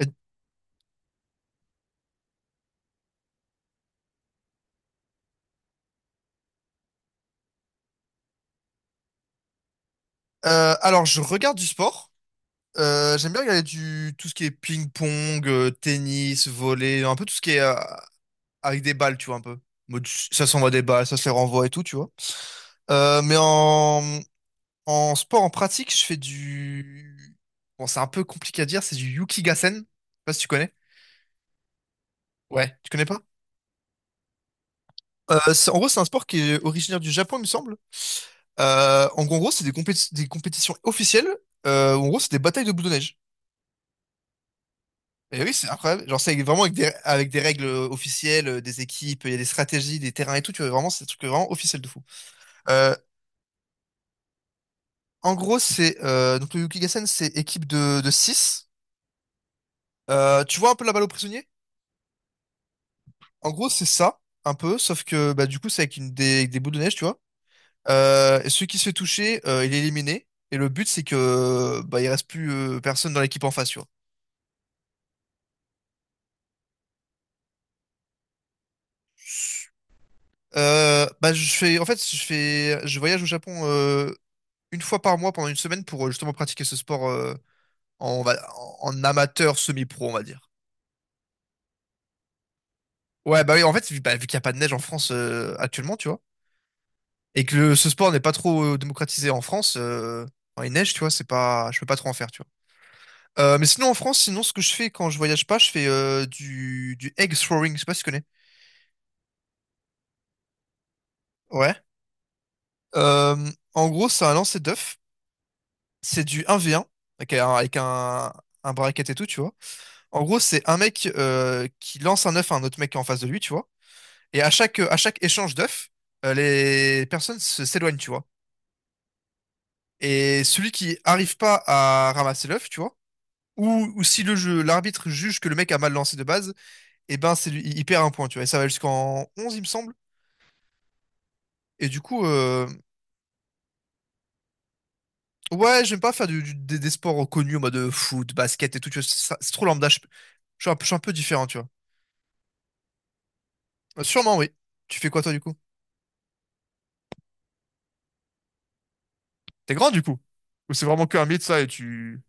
Euh, alors, je regarde du sport. J'aime bien regarder du tout ce qui est ping-pong, tennis, volley, un peu tout ce qui est avec des balles, tu vois, un peu. Mode, ça s'envoie des balles, ça se les renvoie et tout, tu vois. Mais en sport, en pratique, je fais du... Bon, c'est un peu compliqué à dire, c'est du Yukigassen. Je sais pas si tu connais. Ouais. Tu connais pas? En gros, c'est un sport qui est originaire du Japon, il me semble. En gros, c'est des compétitions officielles. Où en gros, c'est des batailles de boules de neige. Et oui, c'est incroyable. Genre, c'est vraiment avec des règles officielles, des équipes, il y a des stratégies, des terrains et tout. Tu vois, vraiment, c'est des trucs vraiment officiels de fou. Euh, En gros, c'est... donc, le Yukigassen, c'est équipe de 6. Tu vois un peu la balle aux prisonniers? En gros, c'est ça, un peu, sauf que bah, du coup, c'est avec des boules de neige, tu vois. Et celui qui se fait toucher, il est éliminé. Et le but, c'est que bah, il reste plus personne dans l'équipe en face, tu vois. Bah, en fait, je voyage au Japon une fois par mois pendant une semaine pour justement pratiquer ce sport en, va- en amateur semi-pro, on va dire. Ouais, bah oui, en fait, vu qu'il n'y a pas de neige en France actuellement, tu vois, et que ce sport n'est pas trop démocratisé en France, quand il neige, tu vois, c'est pas, je peux pas trop en faire, tu vois. Mais sinon en France, sinon ce que je fais quand je voyage pas, je fais du egg throwing, je sais pas si tu connais. Ouais. Euh, En gros, c'est un lancer d'œuf. C'est du 1v1, avec un bracket et tout, tu vois. En gros, c'est un mec qui lance un œuf à un autre mec qui est en face de lui, tu vois. Et à chaque échange d'œufs, les personnes s'éloignent, tu vois. Et celui qui arrive pas à ramasser l'œuf, tu vois, ou si le jeu, l'arbitre juge que le mec a mal lancé de base, et ben c'est lui, il perd un point, tu vois. Et ça va jusqu'en 11 il me semble. Et du coup, ouais, j'aime pas faire des sports reconnus en mode foot, basket et tout. Tu vois, c'est trop lambda. Je suis un, peu je suis un peu différent, tu vois. Sûrement, oui. Tu fais quoi, toi, du coup? T'es grand, du coup? Ou c'est vraiment qu'un mythe, ça, et tu...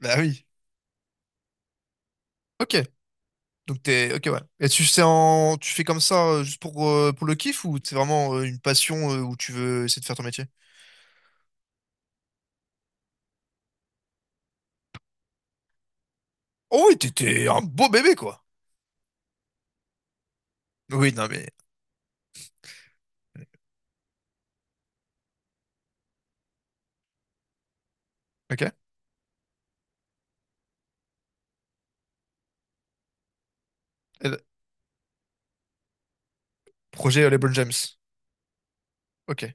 Bah oui. Ok. Donc t'es... Ok, ouais. Et tu sais en... Tu fais comme ça juste pour le kiff ou c'est vraiment une passion où tu veux essayer de faire ton métier? Oh oui, t'étais un beau bébé, quoi. Oui, non, mais... Ok. Le- Projet LeBron James. Ok.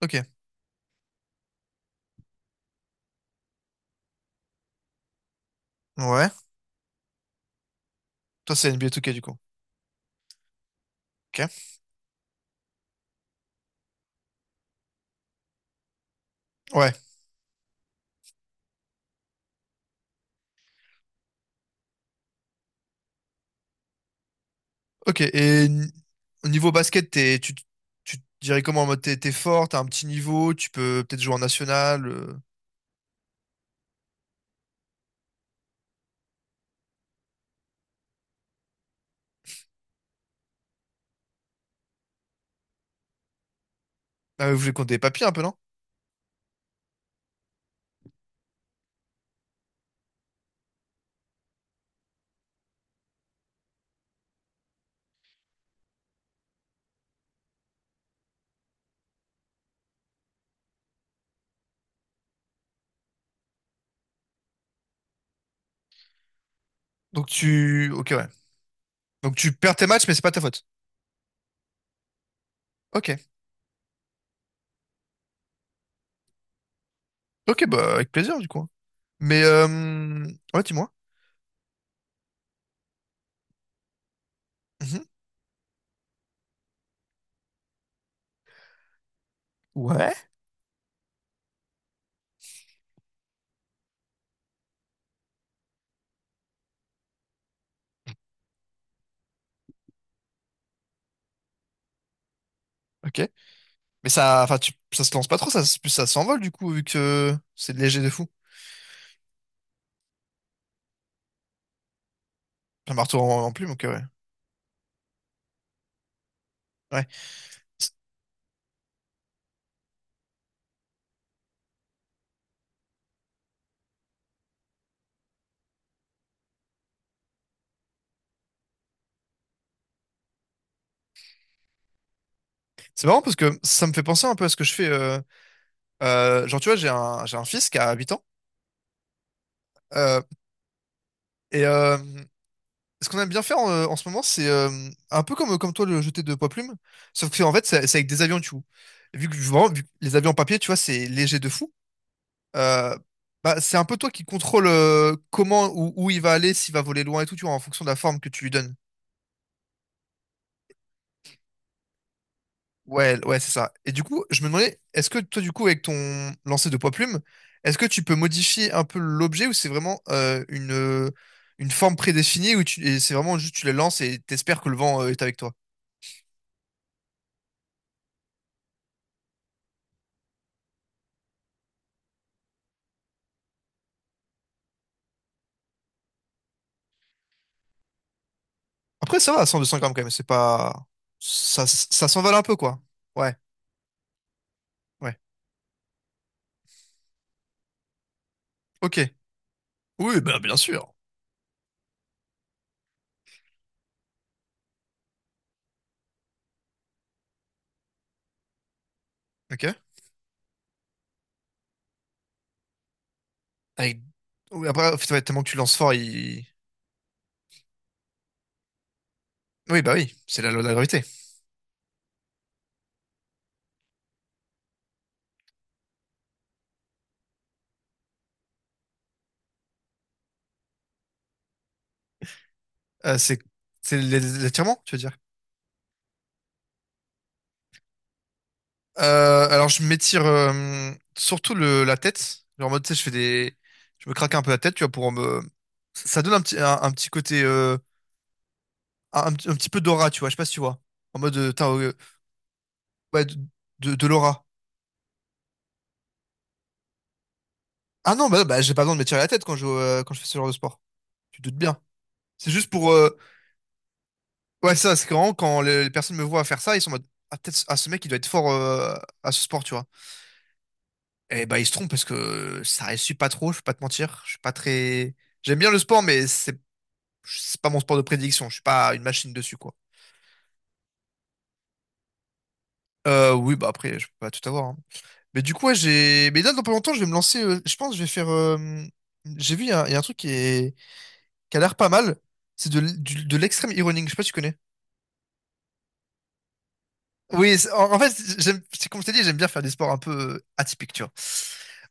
Ok. Ouais. Toi, c'est NBA 2K, du coup. Ok. Ouais. Ok, au niveau basket, tu te dirais comment en mode t'es fort, t'as un petit niveau, tu peux peut-être jouer en national. Ah, ouais, vous voulez compter les papiers un peu, non? Donc tu. Ok, ouais. Donc tu perds tes matchs, mais c'est pas ta faute. Ok. Ok, bah avec plaisir du coup, hein. Mais euh... Ouais, dis-moi. Mhm. Ouais. Ok. Mais ça. Enfin, tu... ça se lance pas trop, ça s'envole du coup, vu que c'est léger de fou. Un marteau en plume, ok, ouais. Ouais. C'est c'est marrant parce que ça me fait penser un peu à ce que je fais. Genre, tu vois, j'ai un fils qui a 8 ans. euh, Et ce qu'on aime bien faire en ce moment, c'est un peu comme toi le jeter de poids plume, sauf que en fait, c'est avec des avions, tu vois. Vu que les avions en papier, tu vois, c'est léger de fou. Euh, Bah, c'est un peu toi qui contrôle comment ou où il va aller, s'il va voler loin et tout, tu vois, en fonction de la forme que tu lui donnes. Ouais, ouais, c'est ça. Et du coup, je me demandais, est-ce que toi, du coup, avec ton lancer de poids plume, est-ce que tu peux modifier un peu l'objet ou c'est vraiment une forme prédéfinie et c'est vraiment juste tu les lances et t'espères que le vent est avec toi? Après, ça va, 100 200 grammes quand même, c'est pas... Ça s'envale un peu, quoi. Ouais, ouais. Ok. Oui, bah, bien sûr. Ok. Avec- Oui, après, en fait, ouais, tellement que tu lances fort, il... Oui, bah oui, c'est la loi de la gravité. Euh, c'est c'est l'étirement, tu veux dire? Alors, je m'étire surtout la tête. Genre, en mode, tu sais, je fais des... Je me craque un peu la tête, tu vois, pour me... Ça donne un petit côté... un petit peu d'aura, tu vois, je sais pas si tu vois. En mode, t'as, ouais, de l'aura. Ah non, bah, bah j'ai pas besoin de me tirer la tête quand je fais ce genre de sport. Tu te doutes bien. C'est juste pour. Ouais, ça, c'est vraiment quand les personnes me voient faire ça, ils sont en mode. Ah, peut-être, ah, ce mec, il doit être fort à ce sport, tu vois. Et bah, ils se trompent parce que ça réussit pas trop, je vais pas te mentir. Je suis pas très. J'aime bien le sport, mais c'est pas mon sport de prédilection. Je suis pas une machine dessus, quoi. Oui, bah après, je peux pas tout avoir, hein. Mais du coup, ouais, j'ai. Mais là, dans pas longtemps, je vais me lancer. Je pense que je vais faire. J'ai vu, il y a un truc qui, est... qui a l'air pas mal. C'est de l'extrême e-running. Je sais pas si tu connais. Oui, en fait, c'est comme je t'ai dit, j'aime bien faire des sports un peu atypiques, tu vois.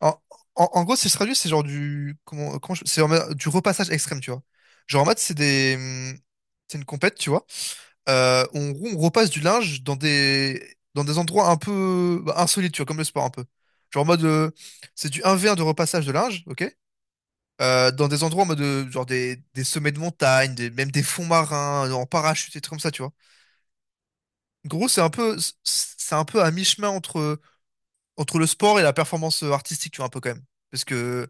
En, en gros, si je traduis, c'est genre du, comment, comment je- c'est en mode du repassage extrême, tu vois. Genre en mode, c'est une compète, tu vois. On repasse du linge dans des endroits un peu bah, insolites, tu vois, comme le sport un peu. Genre en mode, c'est du un v 1 de repassage de linge, ok? Dans des endroits en mode, genre des sommets de montagne, même des fonds marins, en parachute et tout comme ça, tu vois. Gros, c'est un peu à mi-chemin entre le sport et la performance artistique, tu vois, un peu quand même. Parce que,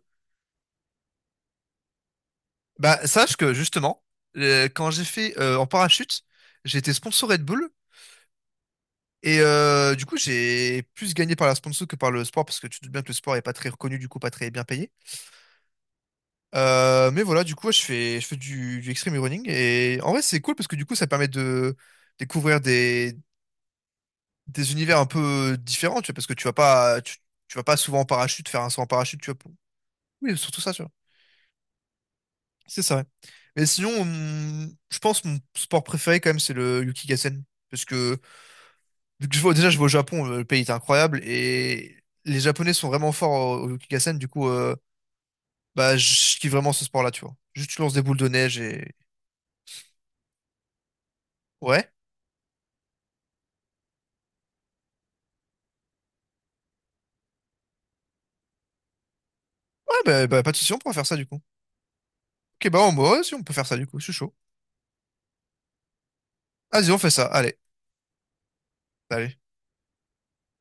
bah, sache que justement, quand j'ai fait en parachute, j'ai été sponsor Red Bull. Et du coup, j'ai plus gagné par la sponsor que par le sport, parce que tu te doutes bien que le sport est pas très reconnu, du coup, pas très bien payé. Mais voilà, du coup, ouais, je fais du extreme running. Et en vrai, c'est cool parce que du coup, ça permet de découvrir des univers un peu différents, tu vois, parce que tu vas pas souvent en parachute, faire un saut en parachute, tu vois, oui, surtout ça, tu vois. C'est ça, ouais. Mais sinon, je pense que mon sport préféré quand même, c'est le Yukigassen. Parce que vu que je vois, Déjà, je vais au Japon, le pays est incroyable et les Japonais sont vraiment forts au Yukigassen. Du coup, bah, je kiffe vraiment ce sport-là, tu vois. Juste, tu lances des boules de neige et ouais, ouais, bah, pas de souci, on pourra faire ça du coup. Ok, bah, ouais, si on peut faire ça du coup, je suis chaud. Vas-y, on fait ça. Allez, bah, allez.